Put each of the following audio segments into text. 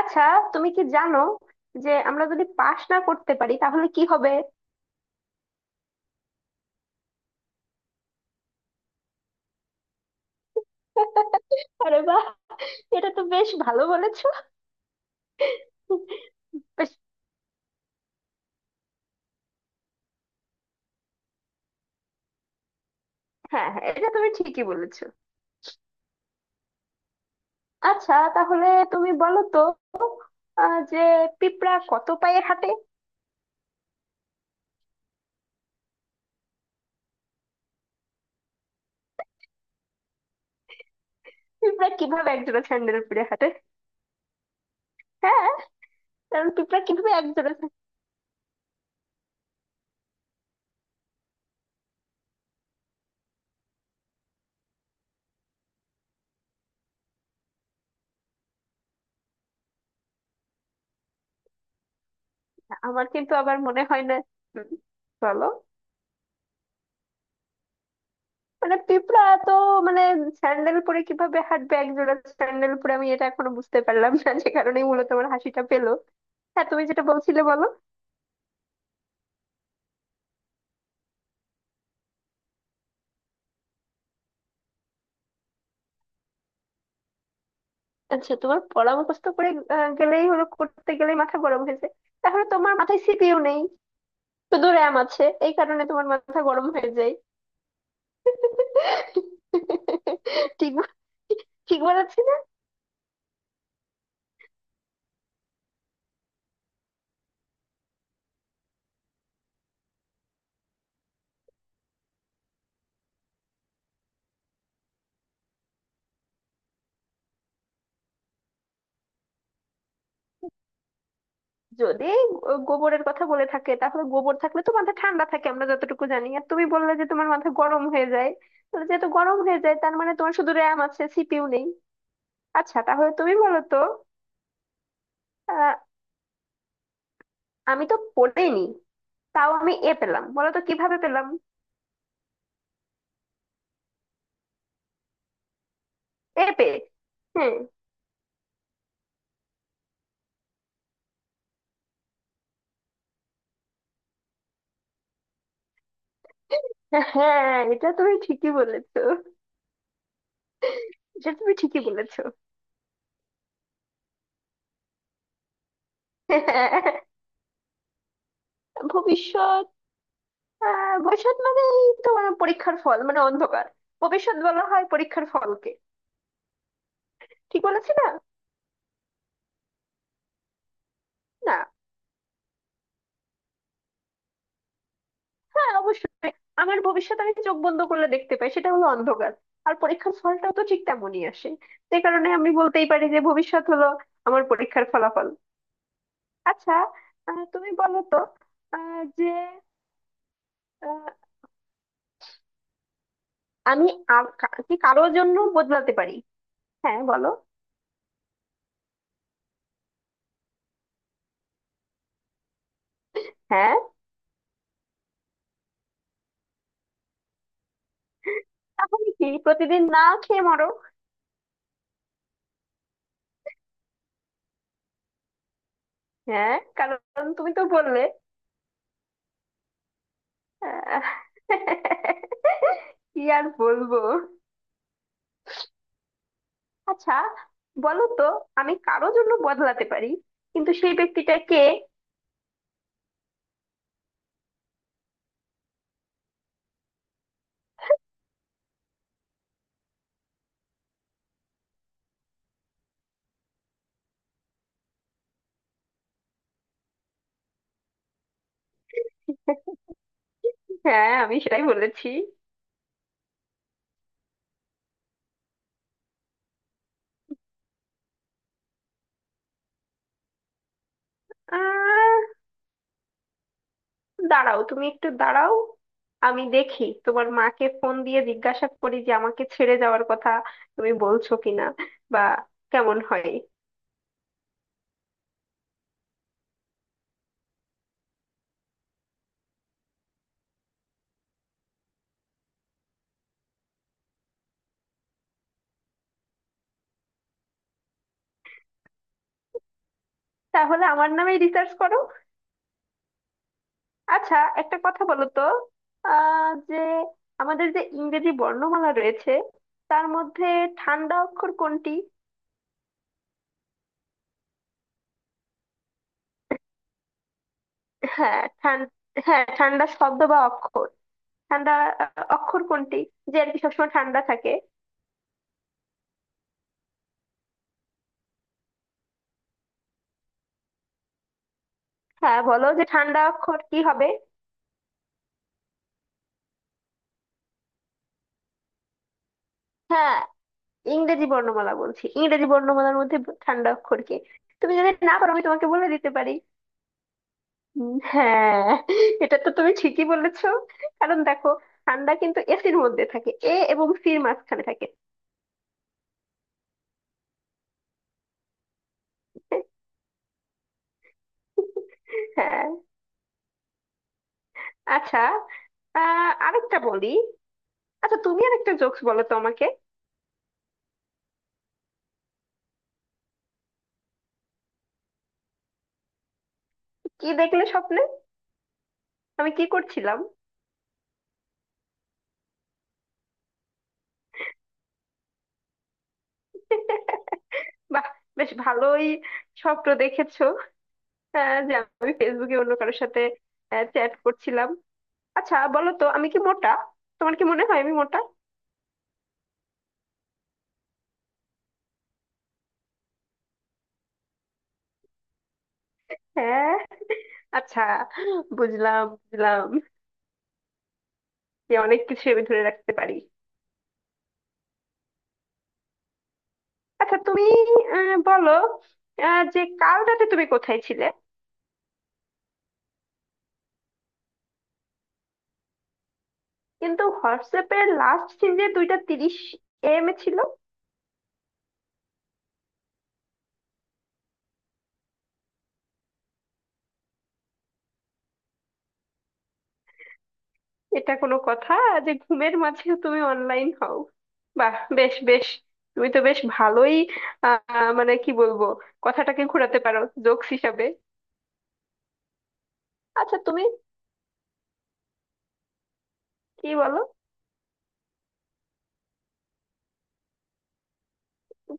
আচ্ছা, তুমি কি জানো যে আমরা যদি পাশ না করতে পারি তাহলে কি হবে? আরে বাহ, এটা তো বেশ ভালো বলেছো। বেশ। হ্যাঁ, হ্যাঁ, এটা তুমি ঠিকই বলেছো। আচ্ছা, তাহলে তুমি বলো তো, যে পিঁপড়া কত পায়ে হাঁটে? পিঁপড়া কিভাবে একজোড়া স্যান্ডেল পরে হাঁটে? হ্যাঁ, কারণ পিঁপড়া কিভাবে একজোড়া। আমার কিন্তু আবার মনে হয় না। হুম, বলো। মানে পিঁপড়া তো মানে স্যান্ডেল পরে কিভাবে হাঁটবে একজোড়া স্যান্ডেল পরে, আমি এটা এখনো বুঝতে পারলাম না, যে কারণেই মূলত আমার হাসিটা পেলো। হ্যাঁ, তুমি যেটা বলছিলে বলো। আচ্ছা, তোমার পড়া মুখস্থ করে গেলেই হলো, করতে গেলেই মাথা গরম হয়ে যায়? তাহলে তোমার মাথায় সিপিইউ নেই, শুধু র্যাম আছে, এই কারণে তোমার মাথা গরম হয়ে যায়। ঠিক, ঠিক বলেছি। যদি গোবরের কথা বলে থাকে তাহলে গোবর থাকলে তো মাথা ঠান্ডা থাকে আমরা যতটুকু জানি, আর তুমি বললে যে তোমার মাথা গরম হয়ে যায়, তাহলে যেহেতু গরম হয়ে যায় তার মানে তোমার শুধু র্যাম আছে, সিপিইউ নেই। আচ্ছা, তাহলে তুমি বলো তো, আহ, আমি তো পড়েইনি, তাও আমি এ পেলাম, বলো তো কিভাবে পেলাম? এ পেয়ে। হ্যাঁ। হ্যাঁ, এটা তুমি ঠিকই বলেছো। এটা তুমি ঠিকই বলেছো। ভবিষ্যৎ? ভবিষ্যৎ মানে তোমার পরীক্ষার ফল মানে অন্ধকার। ভবিষ্যৎ বলা হয় পরীক্ষার ফলকে। ঠিক বলেছি না? না। হ্যাঁ, অবশ্যই। আমার ভবিষ্যৎ আমি চোখ বন্ধ করলে দেখতে পাই, সেটা হলো অন্ধকার। আর পরীক্ষার ফলটাও তো ঠিক তেমনই আসে। সে কারণে আমি বলতেই পারি যে ভবিষ্যৎ হলো আমার পরীক্ষার ফলাফল। আচ্ছা, তুমি বলো তো, যে আহ, আমি আর কি কারোর জন্য বদলাতে পারি? হ্যাঁ, বলো। হ্যাঁ। তাহলে কি প্রতিদিন না খেয়ে মরো? হ্যাঁ, কারণ তুমি তো বললে আহ, কি আর বলবো। আচ্ছা, বলো তো আমি কারো জন্য বদলাতে পারি কিন্তু সেই ব্যক্তিটা কে? হ্যাঁ, আমি সেটাই বলেছি। আহ দাঁড়াও, তুমি একটু দাঁড়াও, আমি দেখি তোমার মাকে ফোন দিয়ে জিজ্ঞাসা করি যে আমাকে ছেড়ে যাওয়ার কথা তুমি বলছো কিনা, বা কেমন হয়। তাহলে আমার নামে রিসার্চ করো। আচ্ছা, একটা কথা বলো তো, যে আমাদের যে ইংরেজি বর্ণমালা রয়েছে তার মধ্যে ঠান্ডা অক্ষর কোনটি? হ্যাঁ, ঠান্ডা। হ্যাঁ, ঠান্ডা শব্দ বা অক্ষর। ঠান্ডা অক্ষর কোনটি যে আর কি সবসময় ঠান্ডা থাকে? হ্যাঁ, বলো যে ঠান্ডা অক্ষর কি হবে? হ্যাঁ, ইংরেজি বর্ণমালা বলছি, ইংরেজি বর্ণমালার মধ্যে ঠান্ডা অক্ষর কি? তুমি যদি না পারো আমি তোমাকে বলে দিতে পারি। হ্যাঁ, এটা তো তুমি ঠিকই বলেছো। কারণ দেখো, ঠান্ডা কিন্তু এসির মধ্যে থাকে, এ এবং সির মাঝখানে থাকে। হ্যাঁ। আচ্ছা, আরেকটা বলি। আচ্ছা, তুমি আরেকটা জোকস বলো তো আমাকে। কি দেখলে স্বপ্নে? আমি কি করছিলাম? বাহ, বেশ ভালোই স্বপ্ন দেখেছো। যে আমি ফেসবুকে অন্য কারোর সাথে চ্যাট করছিলাম। আচ্ছা, বলো তো আমি কি মোটা? তোমার কি মনে হয় আমি মোটা? হ্যাঁ। আচ্ছা, বুঝলাম, বুঝলাম যে অনেক কিছু আমি ধরে রাখতে পারি। আচ্ছা, তুমি বলো, যে কাল রাতে তুমি কোথায় ছিলে? কিন্তু হোয়াটসঅ্যাপের লাস্ট সিন যে 2:30 AM ছিল? এটা কোনো কথা যে ঘুমের মাঝেও তুমি অনলাইন হও? বাহ, বেশ বেশ, তুমি তো বেশ ভালোই মানে কি বলবো, কথাটাকে ঘোরাতে পারো জোকস হিসাবে। আচ্ছা, তুমি কি বলো,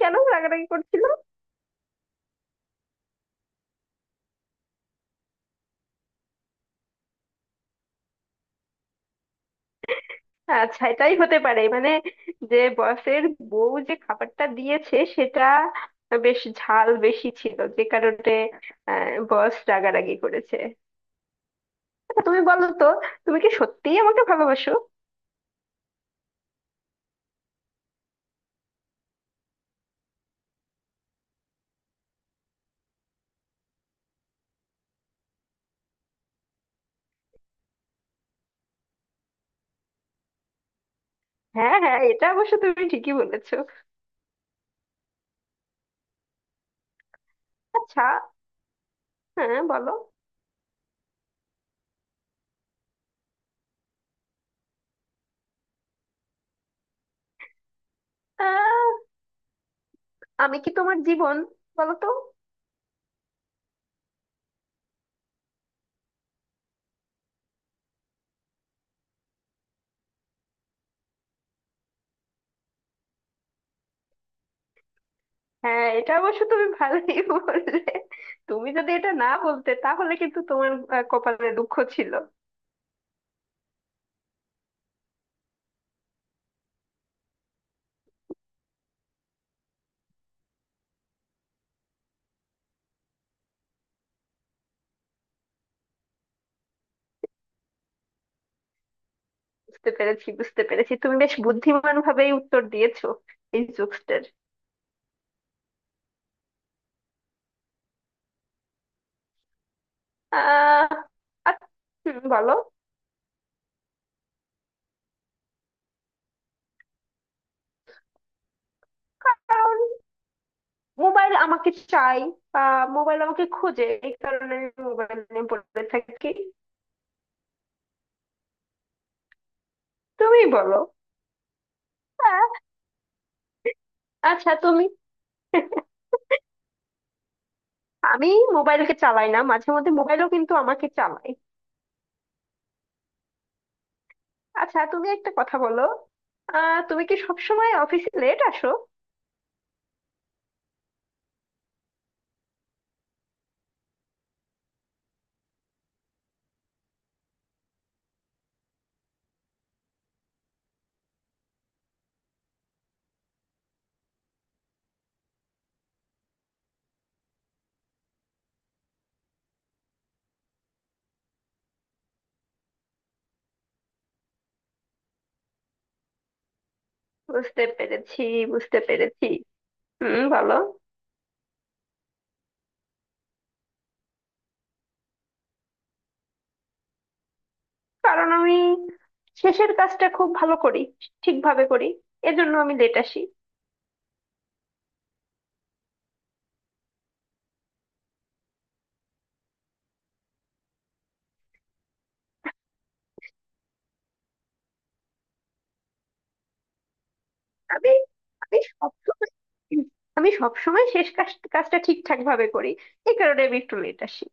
কেন রাগারাগি করছিল? আচ্ছা, এটাই হতে পারে মানে, যে বসের বউ যে খাবারটা দিয়েছে সেটা বেশ ঝাল বেশি ছিল, যে কারণে বস রাগারাগি করেছে। আচ্ছা, তুমি বলো তো, তুমি কি সত্যিই আমাকে ভালোবাসো? হ্যাঁ, হ্যাঁ, এটা অবশ্য তুমি ঠিকই বলেছো। আচ্ছা। হ্যাঁ, বলো। আহ, আমি কি তোমার জীবন, বলো তো? হ্যাঁ, এটা অবশ্য তুমি ভালোই বললে। তুমি যদি এটা না বলতে তাহলে কিন্তু তোমার কপালে দুঃখ ছিল। বুঝতে পেরেছি, বুঝতে পেরেছি, তুমি বেশ বুদ্ধিমান ভাবেই উত্তর দিয়েছো এই জোকসটার। আহ আচ্ছা, বলো। কারণ মোবাইল আমাকে চাই, বা মোবাইল আমাকে খোঁজে, এই কারণে আমি মোবাইল নিয়ে পড়ে থাকি। তুমি বলো। আহ, আচ্ছা, তুমি। আমি মোবাইলকে চালাই না, মাঝে মধ্যে মোবাইলও কিন্তু আমাকে চালায়। আচ্ছা, তুমি একটা কথা বলো, তুমি কি সবসময় অফিসে লেট আসো? বুঝতে পেরেছি, বুঝতে পেরেছি। বলো। কারণ আমি শেষের কাজটা খুব ভালো করি, ঠিকভাবে করি, এজন্য আমি লেট আসি। আমি আমি সবসময় আমি সবসময় শেষ কাজটা ঠিকঠাক ভাবে করি, এই কারণে আমি একটু লেট আসি।